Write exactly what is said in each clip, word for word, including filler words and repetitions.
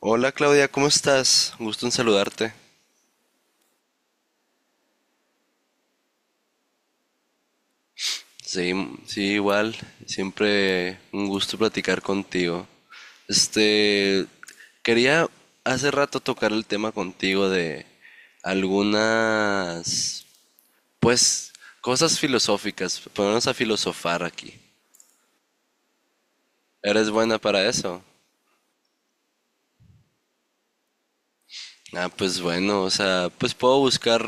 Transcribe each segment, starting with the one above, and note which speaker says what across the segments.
Speaker 1: Hola Claudia, ¿cómo estás? Un gusto en saludarte. Sí, sí, igual. Siempre un gusto platicar contigo. Este, Quería hace rato tocar el tema contigo de algunas, pues, cosas filosóficas. Ponernos a filosofar aquí. ¿Eres buena para eso? Ah, pues bueno, o sea, pues puedo buscar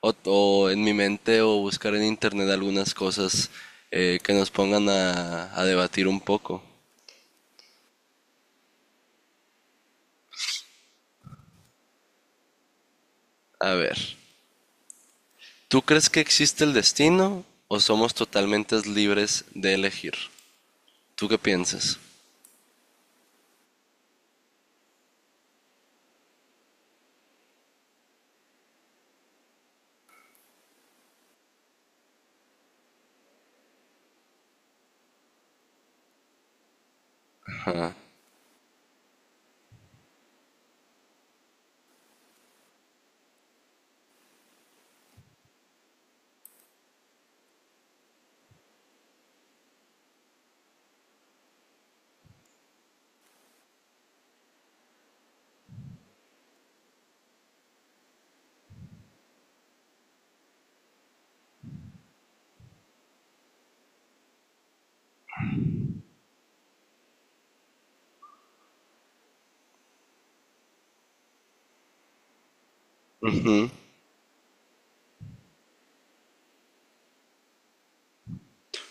Speaker 1: o, o en mi mente o buscar en internet algunas cosas eh, que nos pongan a, a debatir un poco. A ver, ¿tú crees que existe el destino o somos totalmente libres de elegir? ¿Tú qué piensas? Ajá. Ujú.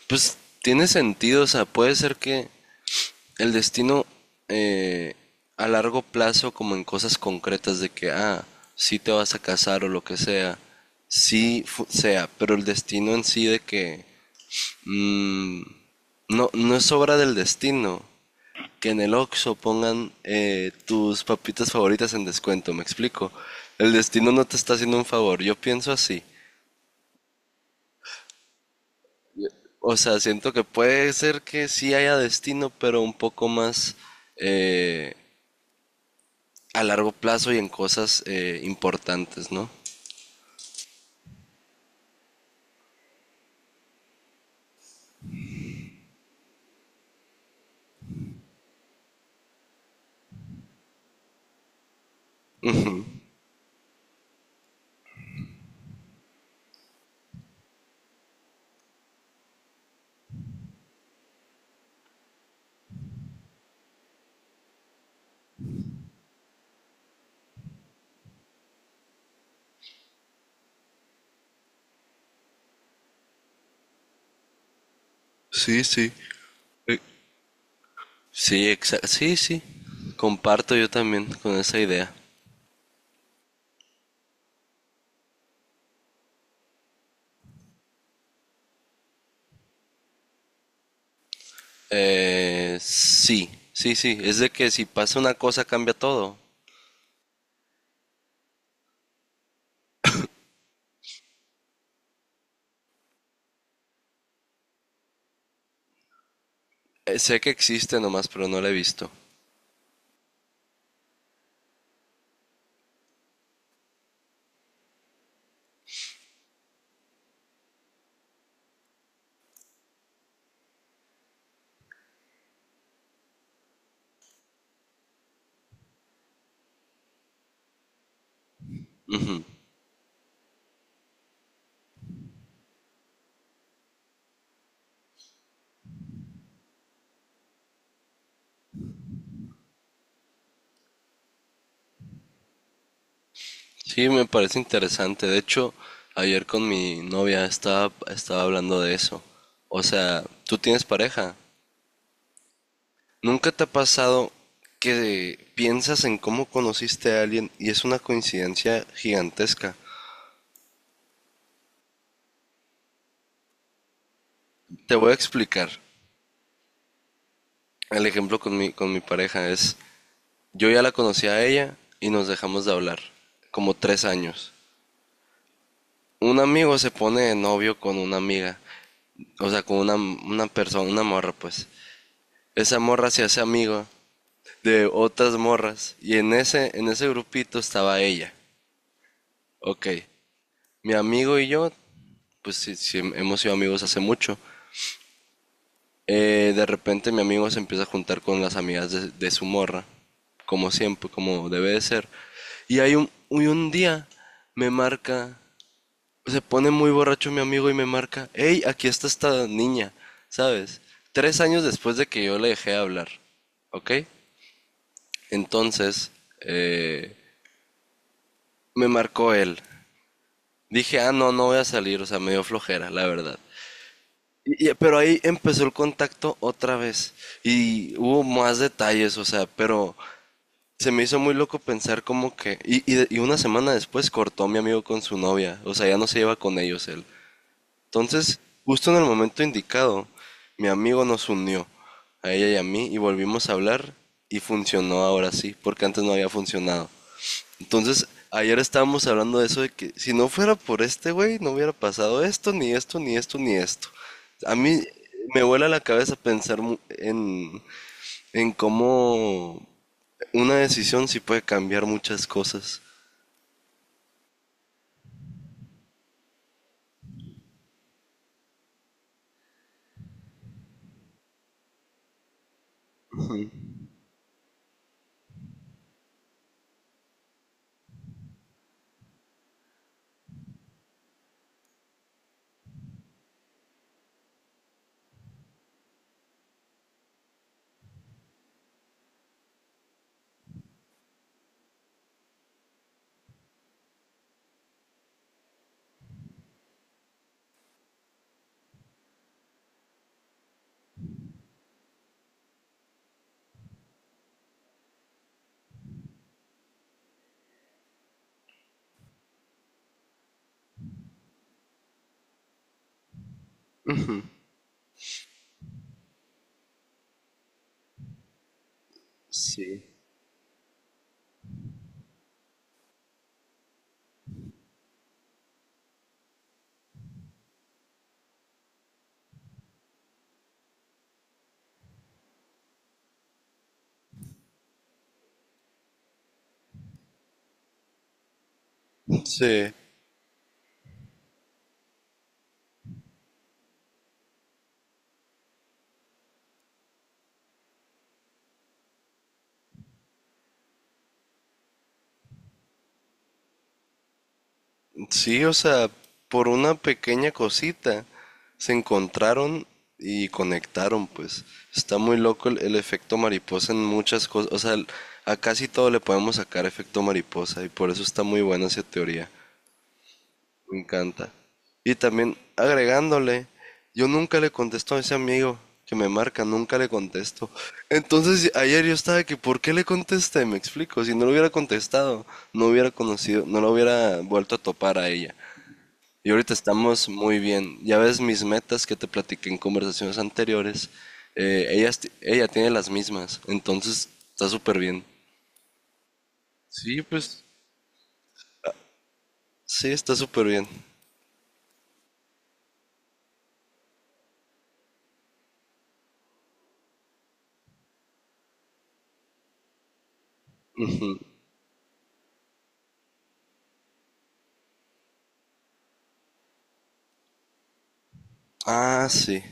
Speaker 1: Pues tiene sentido, o sea, puede ser que el destino eh, a largo plazo, como en cosas concretas de que, ah, sí te vas a casar o lo que sea, sí fu- sea, pero el destino en sí de que mm, no, no es obra del destino que en el Oxxo pongan eh, tus papitas favoritas en descuento, me explico. El destino no te está haciendo un favor, yo pienso así. O sea, siento que puede ser que sí haya destino, pero un poco más eh, a largo plazo y en cosas eh, importantes, ¿no? Sí, sí. Eh, Sí, exa- sí, sí. Comparto yo también con esa idea. Eh, sí, sí, sí. Es de que si pasa una cosa cambia todo. Eh, sé que existe nomás, pero no la he visto. Ujú. Sí, me parece interesante. De hecho, ayer con mi novia estaba, estaba hablando de eso. O sea, ¿tú tienes pareja? ¿Nunca te ha pasado que piensas en cómo conociste a alguien y es una coincidencia gigantesca? Te voy a explicar. El ejemplo con mi, con mi pareja es, yo ya la conocí a ella y nos dejamos de hablar, como tres años. Un amigo se pone de novio con una amiga, o sea, con una, una persona, una morra, pues. Esa morra se hace amiga de otras morras y en ese, en ese grupito estaba ella. Ok, mi amigo y yo, pues sí, sí, hemos sido amigos hace mucho. Eh, de repente mi amigo se empieza a juntar con las amigas de, de su morra, como siempre, como debe de ser. Y hay un, y un día me marca, se pone muy borracho mi amigo y me marca, hey, aquí está esta niña, ¿sabes? Tres años después de que yo le dejé hablar, ¿ok? Entonces, eh, me marcó él. Dije, ah, no, no voy a salir, o sea, me dio flojera, la verdad. Y- y- pero ahí empezó el contacto otra vez y hubo más detalles, o sea, pero se me hizo muy loco pensar como que... Y, y de- y una semana después cortó mi amigo con su novia, o sea, ya no se lleva con ellos él. Entonces, justo en el momento indicado, mi amigo nos unió, a ella y a mí, y volvimos a hablar y funcionó ahora sí, porque antes no había funcionado. Entonces, ayer estábamos hablando de eso de que si no fuera por este güey, no hubiera pasado esto, ni esto, ni esto, ni esto. A mí me vuela la cabeza pensar mu- en, en cómo una decisión sí puede cambiar muchas cosas. Sí, sí, o sea, por una pequeña cosita se encontraron y conectaron, pues. Está muy loco el, el efecto mariposa en muchas cosas. O sea, a casi todo le podemos sacar efecto mariposa y por eso está muy buena esa teoría. Me encanta. Y también agregándole, yo nunca le contesto a ese amigo que me marca, nunca le contesto. Entonces ayer yo estaba que, ¿por qué le contesté? Me explico, si no lo hubiera contestado, no hubiera conocido, no lo hubiera vuelto a topar a ella. Y ahorita estamos muy bien. Ya ves mis metas que te platiqué en conversaciones anteriores. Eh, ellas ella tiene las mismas, entonces está súper bien. Sí, está súper bien. Ah, sí,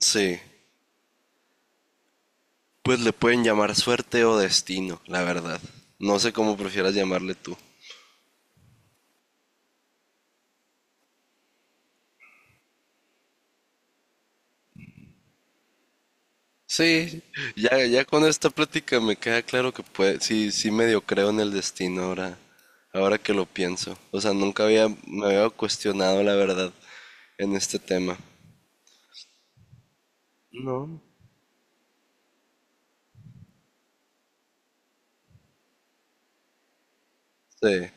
Speaker 1: sí. Pues le pueden llamar suerte o destino, la verdad. No sé cómo prefieras llamarle tú. Sí, ya, ya con esta plática me queda claro que puede, sí, sí medio creo en el destino ahora, ahora que lo pienso. O sea, nunca había, me había cuestionado la verdad en este tema. No. Sí.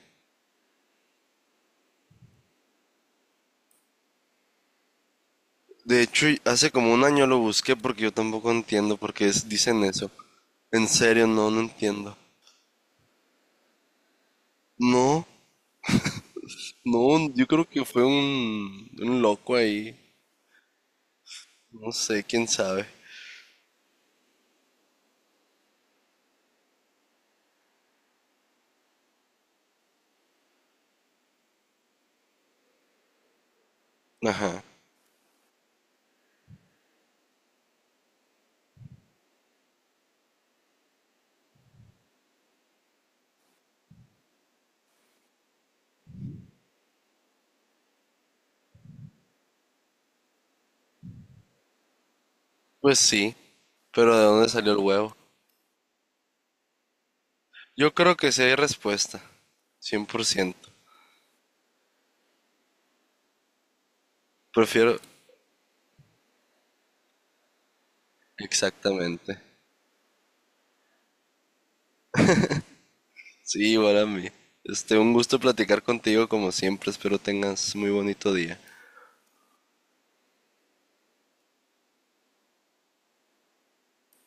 Speaker 1: De hecho, y hace como un año lo busqué porque yo tampoco entiendo por qué es- dicen eso. En serio, no, no entiendo. No, no, yo creo que fue un, un loco ahí. No sé, quién sabe. Ajá. Pues sí, pero ¿de dónde salió el huevo? Yo creo que sí hay respuesta. Cien por ciento. Prefiero... Exactamente. Sí, igual a mí. Este, un gusto platicar contigo como siempre. Espero tengas muy bonito día.